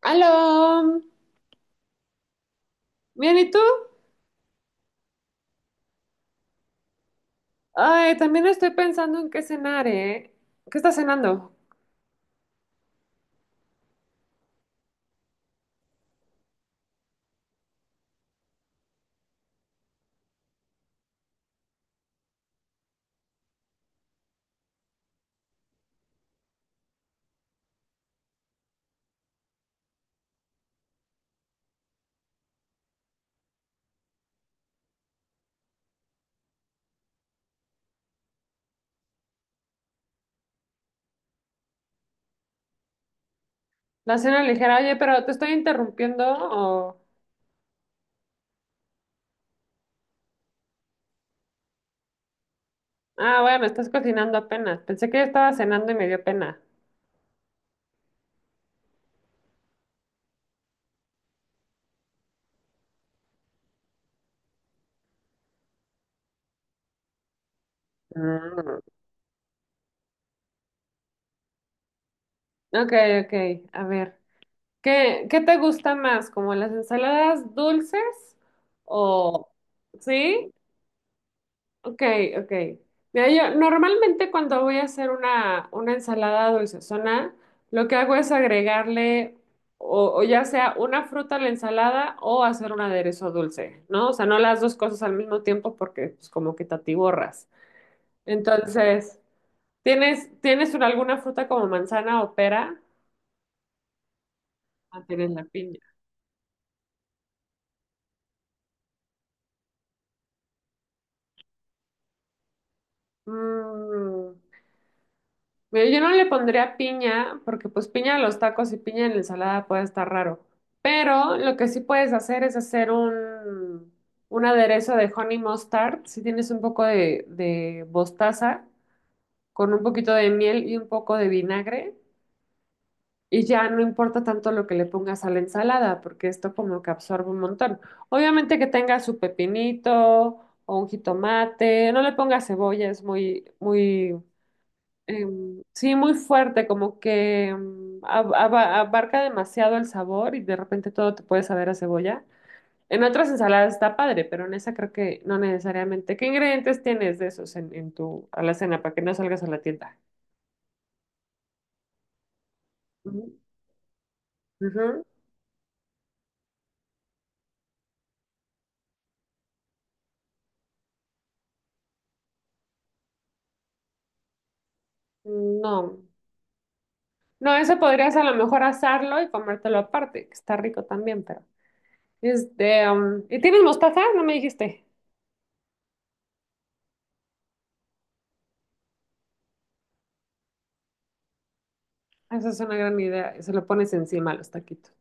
Aló, bien, ¿y tú? Ay, también estoy pensando en qué cenar, ¿eh? ¿Qué estás cenando? La cena ligera, oye, pero ¿te estoy interrumpiendo o...? Ah, bueno, estás cocinando apenas. Pensé que ya estaba cenando y me dio pena. Mm. Ok, ok, a ver. ¿Qué, qué te gusta más? ¿Como las ensaladas dulces o...? ¿Sí? Ok, ok. Mira, yo normalmente cuando voy a hacer una ensalada dulcezona, lo que hago es agregarle o ya sea una fruta a la ensalada o hacer un aderezo dulce, ¿no? O sea, no las dos cosas al mismo tiempo porque pues como que te atiborras. Entonces, ¿alguna fruta como manzana o pera? Ah, tienes la piña. Mm. Mira, yo no le pondría piña, porque pues piña a los tacos y piña en la ensalada puede estar raro. Pero lo que sí puedes hacer es hacer un aderezo de honey mustard. Si tienes un poco de mostaza, con un poquito de miel y un poco de vinagre. Y ya no importa tanto lo que le pongas a la ensalada, porque esto como que absorbe un montón. Obviamente que tenga su pepinito o un jitomate. No le pongas cebolla, es muy, muy sí, muy fuerte, como que abarca demasiado el sabor y de repente todo te puede saber a cebolla. En otras ensaladas está padre, pero en esa creo que no necesariamente. ¿Qué ingredientes tienes de esos en tu alacena para que no salgas a la tienda? Ujú. Ujú. No, no, eso podrías a lo mejor asarlo y comértelo aparte, que está rico también, pero. Este, ¿y tienes mostaza? No me dijiste. Esa es una gran idea, se lo pones encima a los taquitos.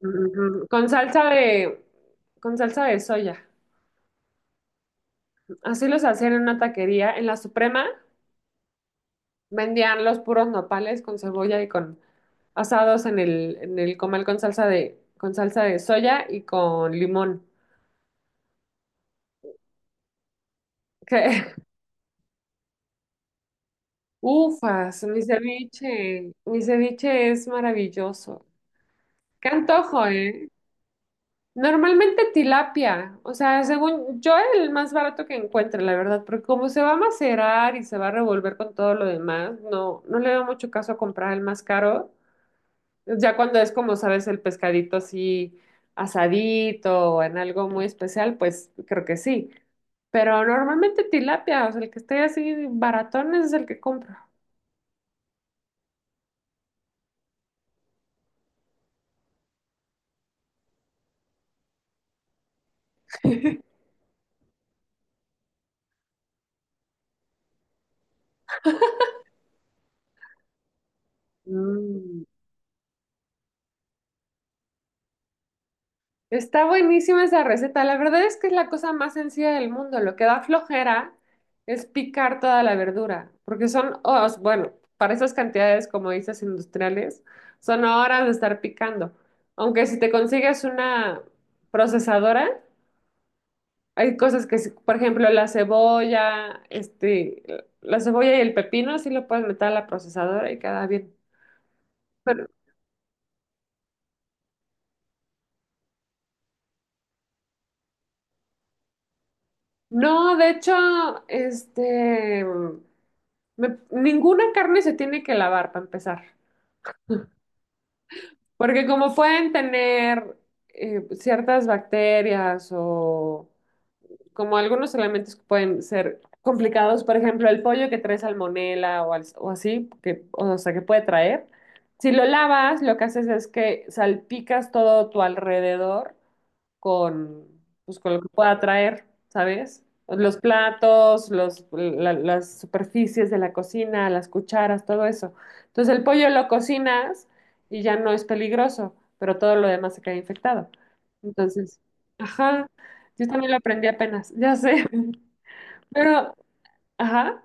Ujú, con salsa con salsa de soya. Así los hacían en una taquería. En la Suprema vendían los puros nopales con cebolla y con asados en en el comal con salsa con salsa de soya y con limón. Que, ufas, mi ceviche es maravilloso. Qué antojo, ¿eh? Normalmente tilapia, o sea, según yo el más barato que encuentre, la verdad, porque como se va a macerar y se va a revolver con todo lo demás, no, no le veo mucho caso a comprar el más caro. Ya cuando es como, sabes, el pescadito así asadito o en algo muy especial, pues creo que sí. Pero normalmente tilapia, o sea, el que esté así baratón ese es el que compro. Mm. Está buenísima esa receta. La verdad es que es la cosa más sencilla del mundo. Lo que da flojera es picar toda la verdura, porque son, bueno, para esas cantidades, como dices, industriales, son horas de estar picando. Aunque si te consigues una procesadora, hay cosas que, sí- por ejemplo, la cebolla, este, la cebolla y el pepino, sí lo puedes meter a la procesadora y queda bien. Pero, no, de hecho, este... ninguna carne se tiene que lavar para empezar, porque como pueden tener ciertas bacterias o, como algunos elementos que pueden ser complicados, por ejemplo, el pollo que trae salmonela o, al- o así, que, o sea, que puede traer. Si lo lavas, lo que haces es que salpicas todo tu alrededor con, pues, con lo que pueda traer, ¿sabes? Los platos, las superficies de la cocina, las cucharas, todo eso. Entonces el pollo lo cocinas y ya no es peligroso, pero todo lo demás se queda infectado. Entonces, ajá, yo también lo aprendí apenas, ya sé. Pero, ajá.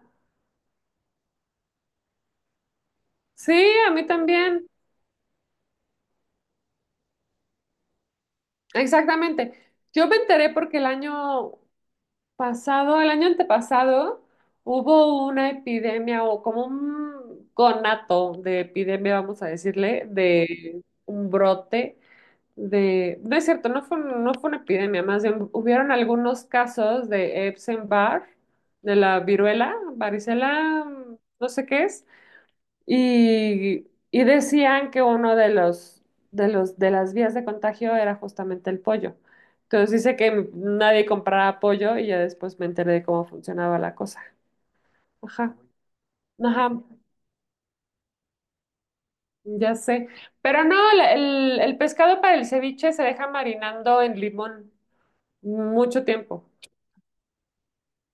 Sí, a mí también. Exactamente. Yo me enteré porque el año pasado, el año antepasado, hubo una epidemia o como un conato de epidemia, vamos a decirle, de un brote de... No es cierto, no fue una epidemia, más bien hubieron algunos casos de Epstein-Barr, de la viruela, varicela, no sé qué es. Y decían que uno de de las vías de contagio era justamente el pollo. Entonces dice que nadie compraba pollo y ya después me enteré de cómo funcionaba la cosa. Ajá, ajá, ya sé. Pero no, el pescado para el ceviche se deja marinando en limón mucho tiempo.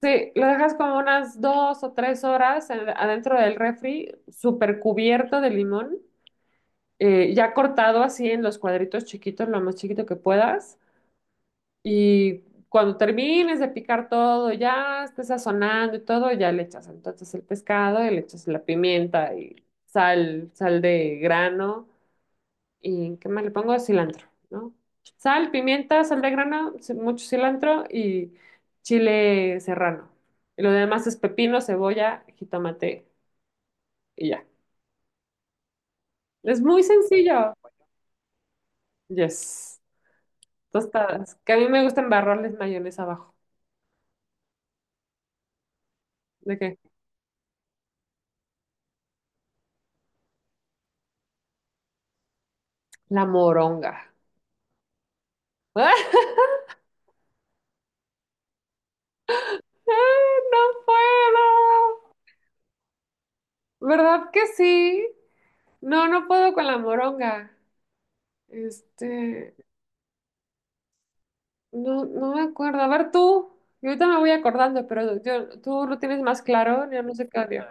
Sí, lo dejas como unas dos o tres horas en- adentro del refri, súper cubierto de limón. Ya cortado así en los cuadritos chiquitos, lo más chiquito que puedas. Y cuando termines de picar todo, ya estés sazonando y todo, ya le echas entonces el pescado y le echas la pimienta y sal, sal de grano. ¿Y qué más le pongo? Cilantro, ¿no? Sal, pimienta, sal de grano, ci- mucho cilantro y chile serrano. Y lo demás es pepino, cebolla, jitomate y ya. Es muy sencillo. Yes. Tostadas. Que a mí me gusta embarrarles mayonesa abajo. ¿De qué? La moronga. ¡Ah! ¡No puedo! ¿Verdad que sí? No, no puedo con la moronga. Este, no, no me acuerdo. A ver tú. Yo ahorita me voy acordando, pero yo, tú lo tienes más claro. Yo no sé qué odio.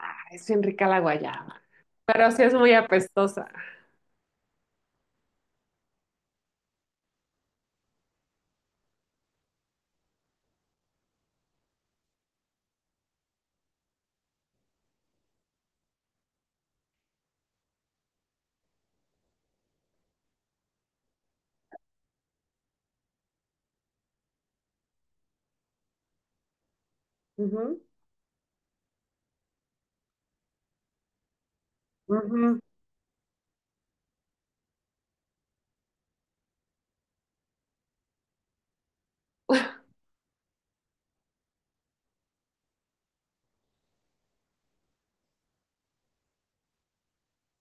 Ay, es bien rica la guayaba, pero sí es muy apestosa. Ujú, ujú.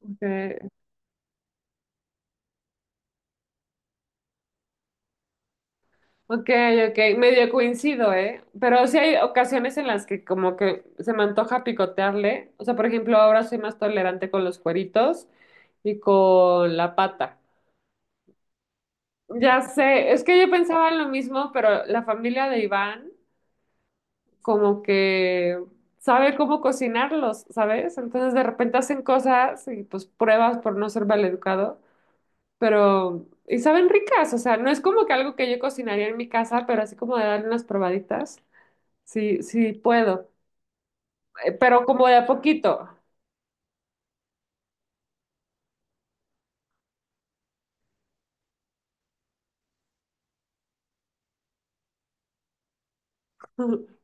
Ok, ok, ok, medio coincido, ¿eh? Pero sí hay ocasiones en las que como que se me antoja picotearle. O sea, por ejemplo, ahora soy más tolerante con los cueritos y con la pata. Ya sé, es que yo pensaba en lo mismo, pero la familia de Iván como que sabe cómo cocinarlos, ¿sabes? Entonces de repente hacen cosas y pues pruebas por no ser maleducado, pero y saben ricas, o sea, no es como que algo que yo cocinaría en mi casa, pero así como de darle unas probaditas. Sí, sí puedo, eh, pero como de a poquito,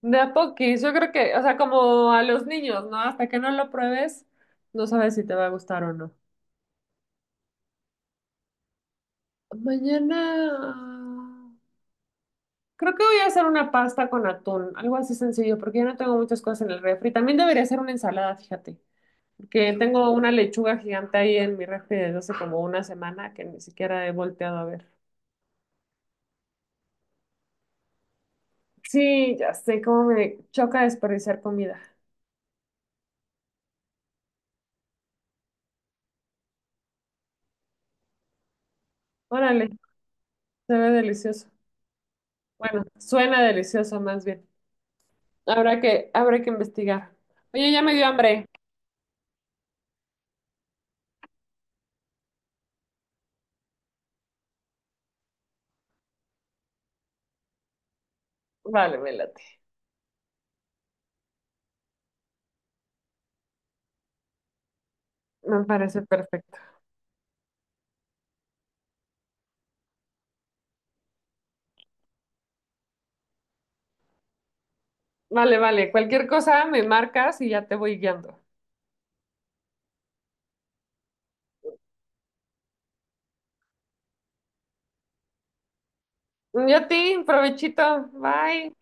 de a poquis, yo creo que, o sea, como a los niños, ¿no? Hasta que no lo pruebes, no sabes si te va a gustar o no. Mañana, creo que voy a hacer una pasta con atún, algo así sencillo, porque yo no tengo muchas cosas en el refri. También debería hacer una ensalada, fíjate, porque tengo una lechuga gigante ahí en mi refri desde hace como una semana que ni siquiera he volteado a ver. Sí, ya sé cómo me choca desperdiciar comida. Órale, se ve delicioso. Bueno, suena delicioso más bien. Habrá que investigar. Oye, ya me dio hambre. Vale, me late. Me parece perfecto. Vale, vale. Cualquier cosa me marcas y ya te voy guiando. Y a ti, provechito. Bye.